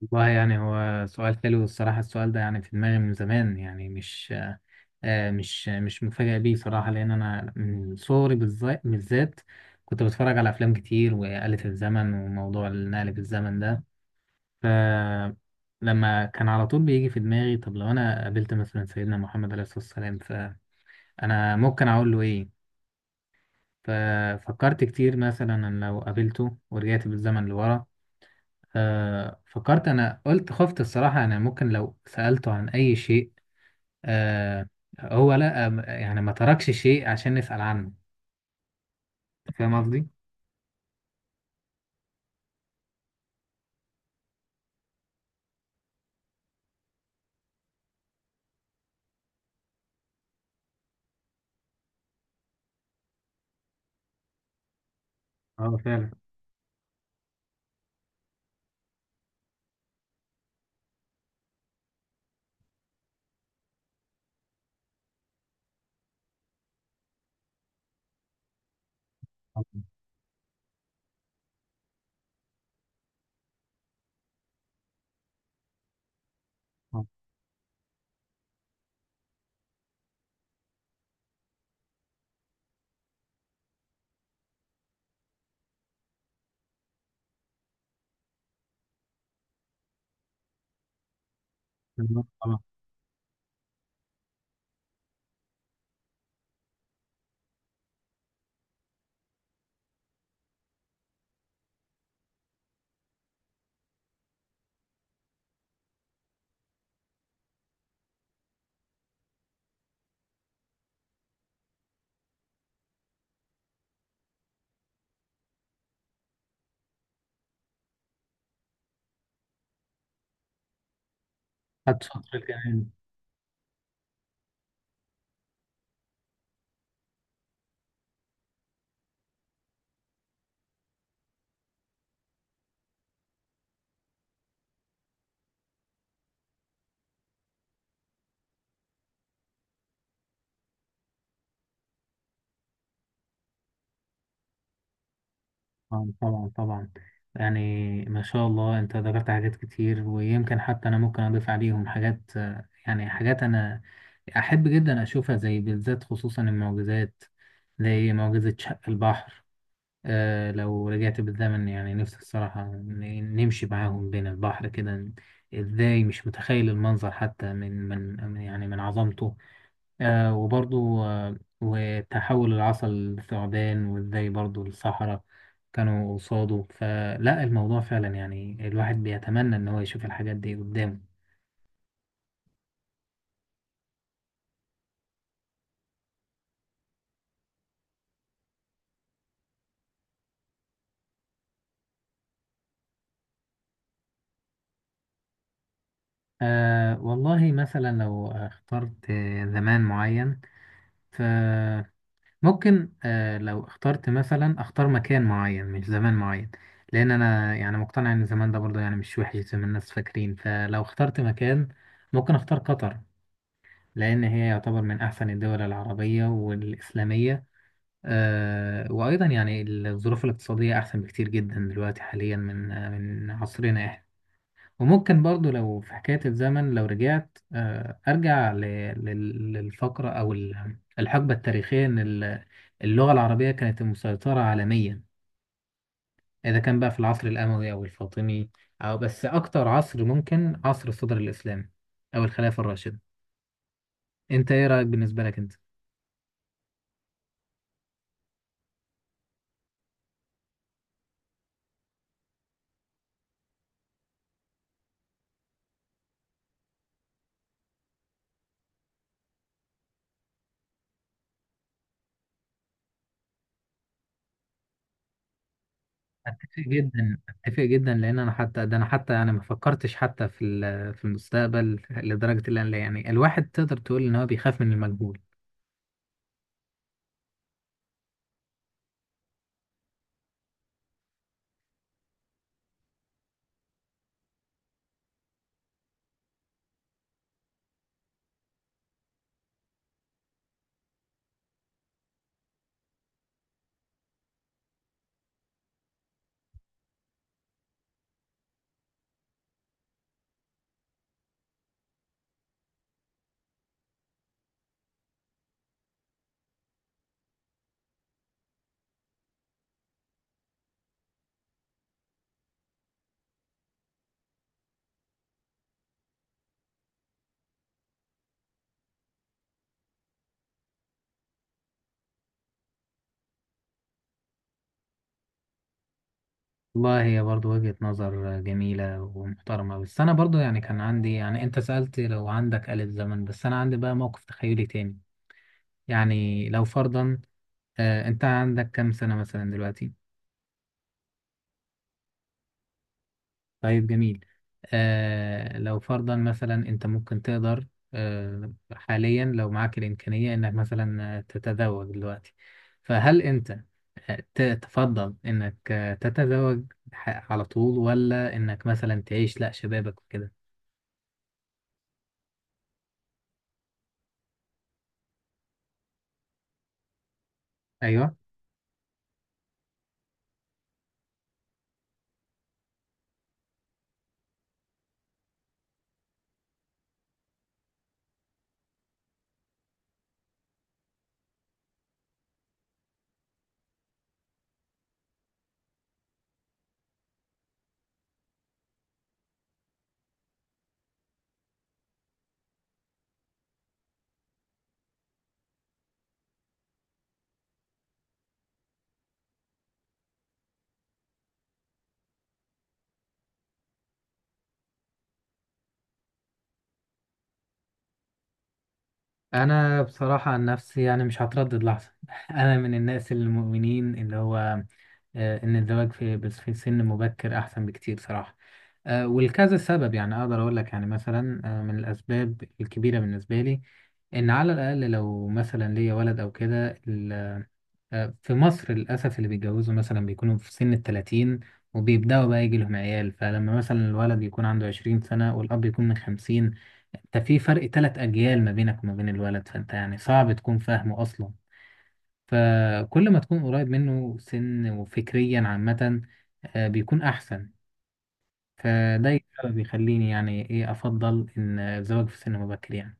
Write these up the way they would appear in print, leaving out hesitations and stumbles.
والله يعني هو سؤال حلو الصراحة. السؤال ده يعني في دماغي من زمان. يعني مش آه، مش مش مفاجئ بيه صراحة، لأن أنا من صغري بالذات بالذات كنت بتفرج على أفلام كتير، وآلة الزمن وموضوع النقل في الزمن ده، فلما كان على طول بيجي في دماغي طب لو أنا قابلت مثلا سيدنا محمد عليه الصلاة والسلام، فأنا ممكن أقول له إيه؟ ففكرت كتير مثلا أن لو قابلته ورجعت بالزمن لورا. فكرت، انا قلت خفت الصراحة، انا ممكن لو سألته عن اي شيء. آه. هو لا، آه يعني ما تركش شيء عشان نسأل عنه. فاهم قصدي؟ اه فعلا. طبعا. آه، طبعا. خدت شاطر كمان. آه، طبعا طبعا. يعني ما شاء الله انت ذكرت حاجات كتير، ويمكن حتى انا ممكن اضيف عليهم حاجات، يعني حاجات انا احب جدا اشوفها، زي بالذات خصوصا المعجزات، زي معجزة شق البحر. آه لو رجعت بالزمن يعني نفسي الصراحة نمشي معاهم بين البحر كده. ازاي؟ مش متخيل المنظر حتى يعني من عظمته. آه وبرضو آه وتحول العصا للثعبان، وازاي برضو الصحراء كانوا قصاده. فلا الموضوع فعلا يعني الواحد بيتمنى ان هو يشوف الحاجات دي قدامه. آه والله مثلا لو اخترت آه، زمان معين، ف ممكن آه لو اخترت مثلا اختار مكان معين مش زمان معين، لان انا يعني مقتنع ان زمان ده برضه يعني مش وحش زي ما الناس فاكرين. فلو اخترت مكان، ممكن اختار قطر، لان هي يعتبر من احسن الدول العربية والاسلامية. آه وايضا يعني الظروف الاقتصادية احسن بكتير جدا دلوقتي حاليا من آه من عصرنا. وممكن برضو لو في حكاية الزمن، لو رجعت آه، أرجع للفقرة أو الحقبة التاريخية إن اللغة العربية كانت مسيطرة عالميا، إذا كان بقى في العصر الأموي أو الفاطمي، أو أكتر عصر ممكن عصر الصدر الإسلامي أو الخلافة الراشدة. أنت إيه رأيك بالنسبة لك أنت؟ أتفق جدا، أتفق جدا، لأن أنا حتى ده أنا حتى يعني ما فكرتش حتى في المستقبل، لدرجة اللي أنا يعني الواحد تقدر تقول إن هو بيخاف من المجهول. والله هي برضو وجهة نظر جميلة ومحترمة، بس أنا برضو يعني كان عندي، يعني أنت سألت لو عندك آلة زمن، بس أنا عندي بقى موقف تخيلي تاني. يعني لو فرضا، آه أنت عندك كام سنة مثلا دلوقتي؟ طيب جميل. آه لو فرضا مثلا أنت ممكن تقدر، آه حاليا لو معاك الإمكانية إنك مثلا آه، تتزوج دلوقتي، فهل أنت آه، تفضل إنك آه، تتزوج على طول، ولا إنك مثلا تعيش لأ شبابك وكده؟ أيوه. انا بصراحه عن نفسي يعني مش هتردد لحظه. انا من الناس المؤمنين اللي هو آه، ان الزواج في بس في سن مبكر احسن بكتير صراحه. آه، ولكذا سبب، يعني اقدر اقول لك، يعني مثلا آه، من الاسباب الكبيره بالنسبه لي ان على الاقل لو مثلا ليا ولد او كده، آه، في مصر للأسف اللي بيتجوزوا مثلا بيكونوا في سن الـ30، وبيبدأوا بقى يجي لهم عيال، فلما مثلا الولد يكون عنده 20 سنة والأب يكون من 50، انت في فرق تلات أجيال ما بينك وما بين الولد، فانت يعني صعب تكون فاهمه أصلا. فكل ما تكون قريب منه سن وفكريا عامة، آه، بيكون أحسن. فده السبب بيخليني يعني إيه أفضل إن الزواج في سن مبكر يعني.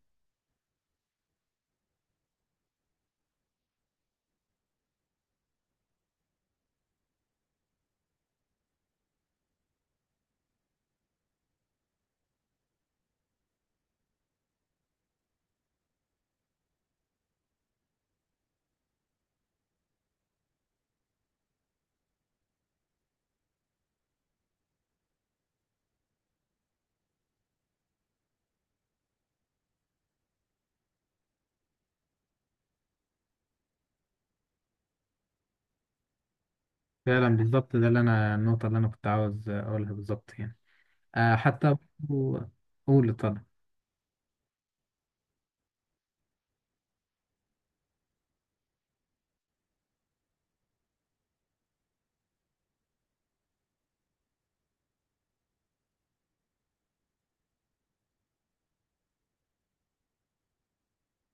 فعلا بالظبط، ده اللي أنا النقطة اللي أنا كنت عاوز أقولها بالظبط يعني، آه، حتى برضو- قول اتفضل.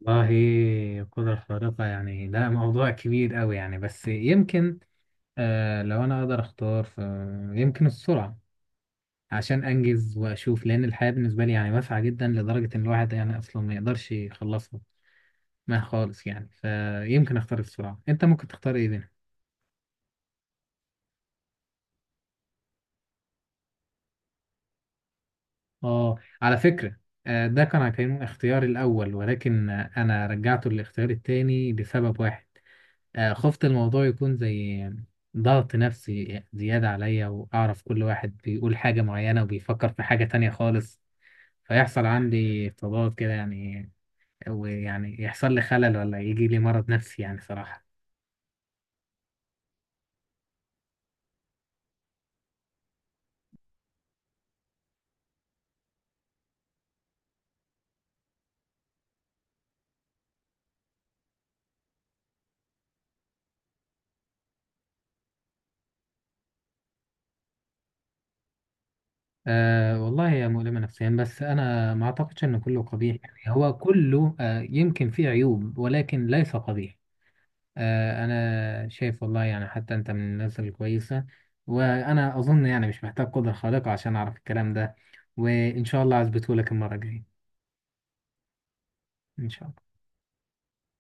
والله القدرة الخارقة يعني ده موضوع كبير قوي يعني، بس يمكن آه لو أنا أقدر أختار فيمكن السرعة، عشان أنجز وأشوف، لأن الحياة بالنسبة لي يعني واسعة جدا، لدرجة إن الواحد يعني أصلا ما يقدرش يخلصها ما خالص يعني. فيمكن أختار السرعة. أنت ممكن تختار إيه بينهم؟ آه على فكرة، آه ده كان هيكون اختياري الأول، ولكن آه، أنا رجعته للاختيار التاني لسبب واحد. آه، خفت الموضوع يكون زي ضغط نفسي زيادة عليا، وأعرف كل واحد بيقول حاجة معينة وبيفكر في حاجة تانية خالص، فيحصل عندي تضاد كده يعني، ويعني يحصل لي خلل، ولا يجي لي مرض نفسي يعني صراحة. أه والله هي مؤلمة نفسيا، بس أنا ما أعتقدش إن كله قبيح. يعني هو كله أه يمكن فيه عيوب، ولكن ليس قبيح. آه، انا شايف والله يعني حتى انت من الناس الكويسه، وانا اظن يعني مش محتاج قدره خارقه عشان اعرف الكلام ده، وان شاء الله اثبته لك المره الجايه. ان شاء الله.